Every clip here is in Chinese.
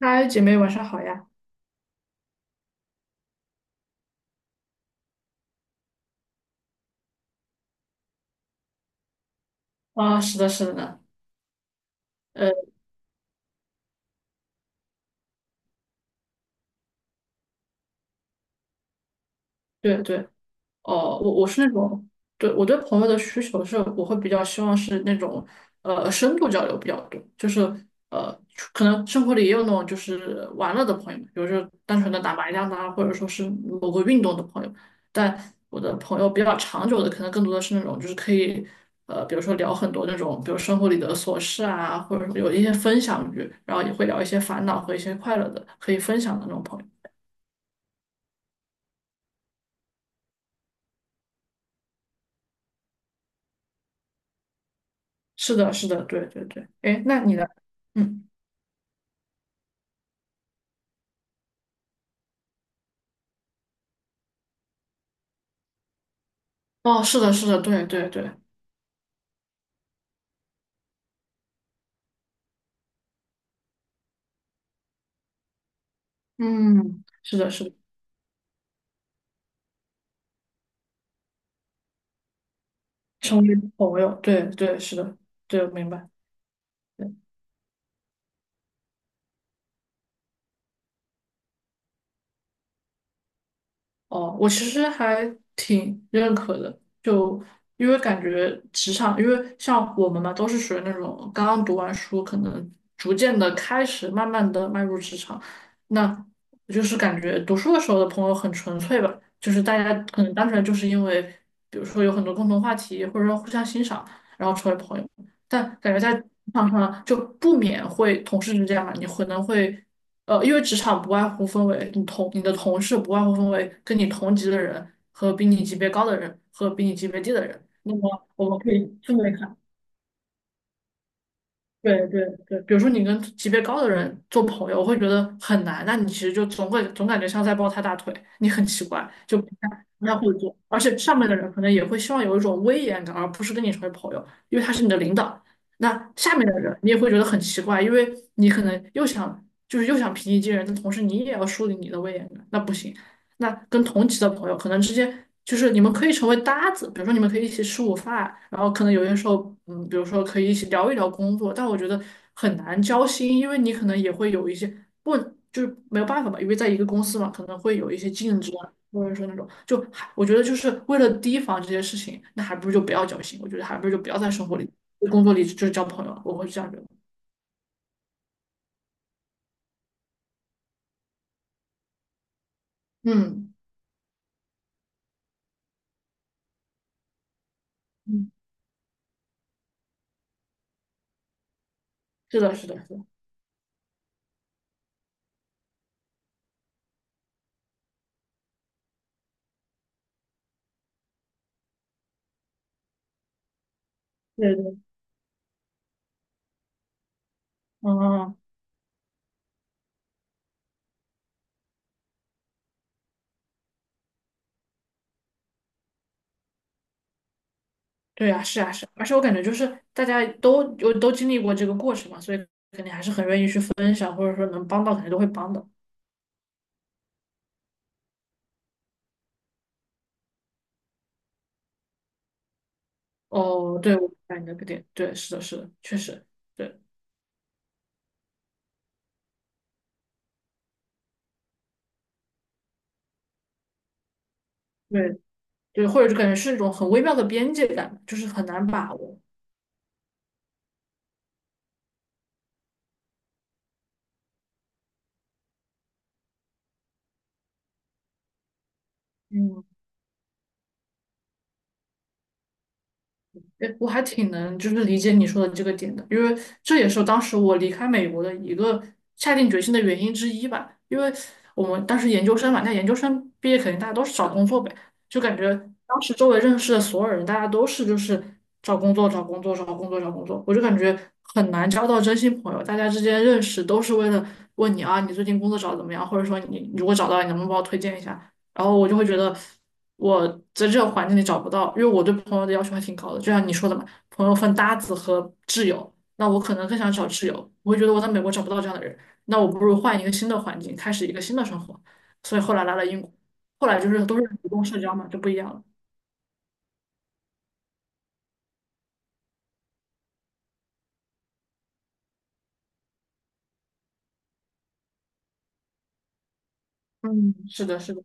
嗨，姐妹，晚上好呀！啊，是的，是的呢，呃，对对。哦，我是那种。对，我对朋友的需求是，我会比较希望是那种，深度交流比较多，就是呃，可能生活里也有那种就是玩乐的朋友，比如说单纯的打麻将的啊，或者说是某个运动的朋友。但我的朋友比较长久的，可能更多的是那种就是可以，比如说聊很多那种，比如生活里的琐事啊，或者有一些分享欲，然后也会聊一些烦恼和一些快乐的，可以分享的那种朋友。是的，是的，对对对。哎，那你的。嗯。哦，是的，是的，对对对。嗯，是的，是的。成为朋友，对对，是的。对，明白。对。哦，我其实还挺认可的，就因为感觉职场，因为像我们嘛，都是属于那种刚刚读完书，可能逐渐的开始，慢慢的迈入职场。那就是感觉读书的时候的朋友很纯粹吧，就是大家可能单纯就是因为，比如说有很多共同话题，或者说互相欣赏，然后成为朋友。但感觉在职场上就不免会同事之间嘛，你可能会。因为职场不外乎分为你的同事不外乎分为跟你同级的人和比你级别高的人和比你级别低的人。那么我们可以这么看。对对对，比如说你跟级别高的人做朋友，我会觉得很难，那你其实就总感觉像在抱他大腿，你很奇怪，就不太会做，而且上面的人可能也会希望有一种威严感，而不是跟你成为朋友，因为他是你的领导。那下面的人你也会觉得很奇怪，因为你可能又想平易近人，但同时你也要树立你的威严感，那不行。那跟同级的朋友可能之间就是你们可以成为搭子，比如说你们可以一起吃午饭，然后可能有些时候，比如说可以一起聊一聊工作，但我觉得很难交心，因为你可能也会有一些不就是没有办法吧，因为在一个公司嘛，可能会有一些竞争啊或者说那种就还我觉得就是为了提防这些事情，那还不如就不要交心，我觉得还不如就不要在生活里、工作里就是交朋友啊，我会这样觉得。嗯，嗯，是的，是的，是的，对对，嗯。对啊，是啊，是啊而且我感觉就是大家都经历过这个过程嘛，所以肯定还是很愿意去分享，或者说能帮到肯定都会帮的。哦，对，我明白你的点，对，是的，是的，确实，对，对，对，或者就感觉是一种很微妙的边界感，就是很难把握。嗯，哎，我还挺能就是理解你说的这个点的，因为这也是当时我离开美国的一个下定决心的原因之一吧。因为我们当时研究生嘛，那研究生毕业肯定大家都是找工作呗，就感觉当时周围认识的所有人，大家都是就是找工作、找工作、找工作、找工作，我就感觉很难交到真心朋友。大家之间认识都是为了问你啊，你最近工作找的怎么样，或者说你如果找到了你能不能帮我推荐一下？然后我就会觉得我在这个环境里找不到，因为我对朋友的要求还挺高的，就像你说的嘛，朋友分搭子和挚友，那我可能更想找挚友，我会觉得我在美国找不到这样的人，那我不如换一个新的环境，开始一个新的生活，所以后来来了英国，后来就是都是主动社交嘛，就不一样了。嗯，是的，是的。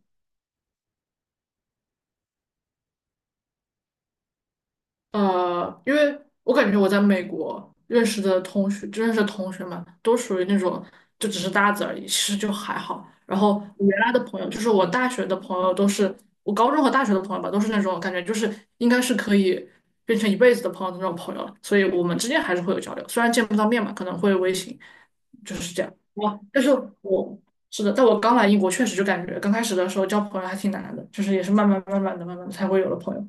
因为我感觉我在美国认识的同学们都属于那种就只是搭子而已，其实就还好。然后我原来的朋友，就是我大学的朋友，都是我高中和大学的朋友吧，都是那种感觉就是应该是可以变成一辈子的朋友的那种朋友，所以我们之间还是会有交流，虽然见不到面嘛，可能会微信，就是这样。哇，但是我是的，但我刚来英国确实就感觉刚开始的时候交朋友还挺难的，就是也是慢慢慢慢的慢慢地才会有了朋友。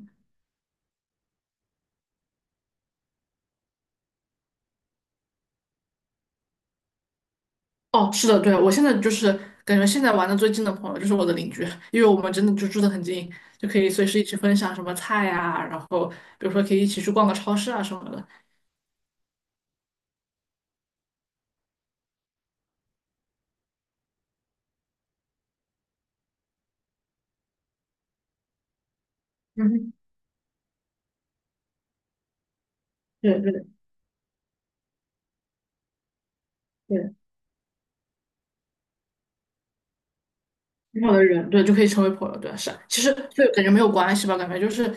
哦，是的，对，我现在就是感觉现在玩的最近的朋友就是我的邻居，因为我们真的就住得很近，就可以随时一起分享什么菜呀、然后比如说可以一起去逛个超市啊什么的。嗯哼，对对对，很好的人，对，就可以成为朋友，对，是啊。其实就感觉没有关系吧，感觉就是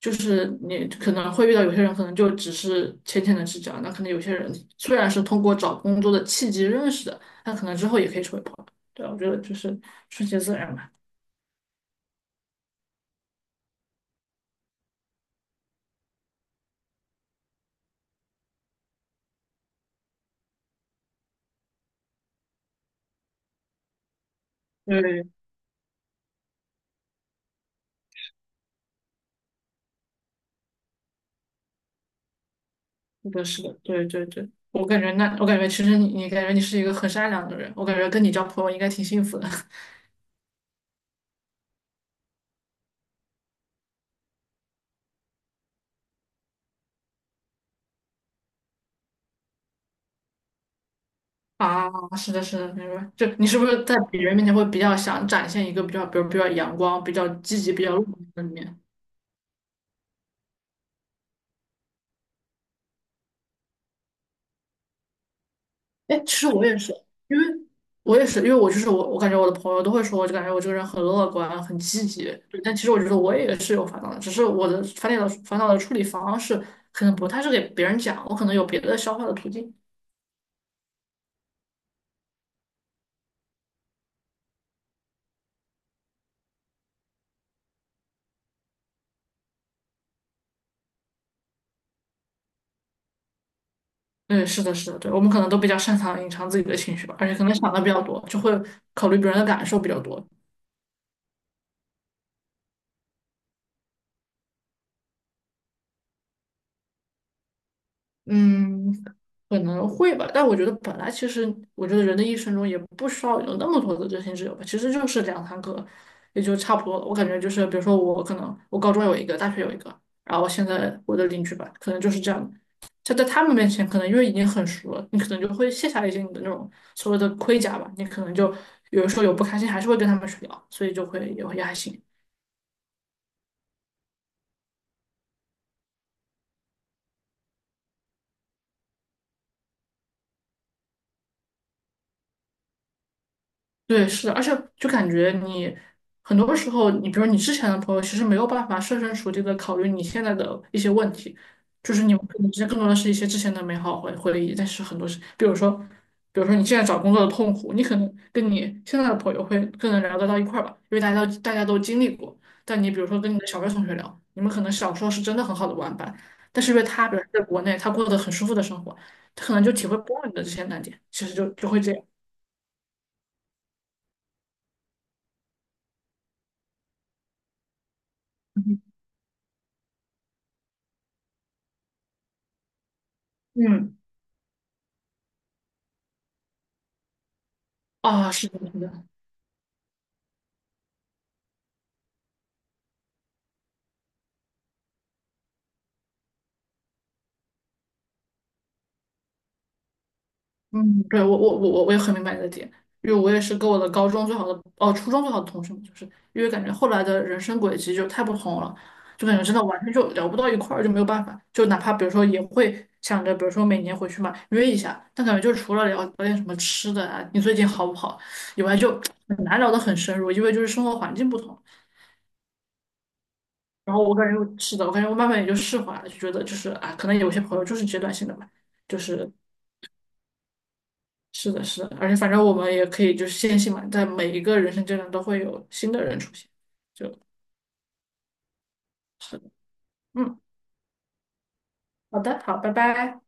就是你可能会遇到有些人，可能就只是浅浅的知交，那可能有些人虽然是通过找工作的契机认识的，但可能之后也可以成为朋友。对，我觉得就是顺其自然吧。对，是的，是的，对对对，我感觉那，我感觉其实你，你感觉你是一个很善良的人，我感觉跟你交朋友应该挺幸福的。啊，是的，是的，明白。就你是不是在别人面前会比较想展现一个比较，比如比较阳光、比较积极、比较乐观的一面？哎，其实我也是，因为我也是，因为我就是我，我感觉我的朋友都会说，我就感觉我这个人很乐观、很积极。对，但其实我觉得我也是有烦恼的，只是我的烦恼的处理方式可能不太是给别人讲，我可能有别的消化的途径。对，是的，是的，对，我们可能都比较擅长隐藏自己的情绪吧，而且可能想的比较多，就会考虑别人的感受比较多，嗯，可能会吧，但我觉得本来其实，我觉得人的一生中也不需要有那么多的真心挚友吧，其实就是两三个，也就差不多了。我感觉就是，比如说我可能我高中有一个，大学有一个，然后现在我的邻居吧，可能就是这样的。就在他们面前，可能因为已经很熟了，你可能就会卸下一些你的那种所谓的盔甲吧，你可能就有的时候有不开心，还是会跟他们去聊，所以就会也还行。对，是的，而且就感觉你很多时候，你比如你之前的朋友，其实没有办法设身处地的考虑你现在的一些问题，就是你们可能之间更多的是一些之前的美好回忆，但是很多是，比如说你现在找工作的痛苦，你可能跟你现在的朋友会更能聊得到一块儿吧，因为大家都经历过。但你比如说跟你的小学同学聊，你们可能小时候是真的很好的玩伴，但是因为他比如说在国内，他过得很舒服的生活，他可能就体会不到你的这些难点，其实就会这样。嗯嗯啊，是的，是的，嗯，对，我也很明白你的点，因为我也是跟我的高中最好的，哦，初中最好的同学嘛，就是因为感觉后来的人生轨迹就太不同了，就感觉真的完全就聊不到一块儿，就没有办法，就哪怕比如说也会想着，比如说每年回去嘛约一下，但感觉就除了聊聊点什么吃的啊，你最近好不好以外，就很难聊得很深入，因为就是生活环境不同。然后我感觉是的，我感觉我慢慢也就释怀了，就觉得就是啊，可能有些朋友就是阶段性的吧。就是是的，是的，而且反正我们也可以就是坚信嘛，在每一个人生阶段都会有新的人出现。是的，嗯，好的，好，拜拜。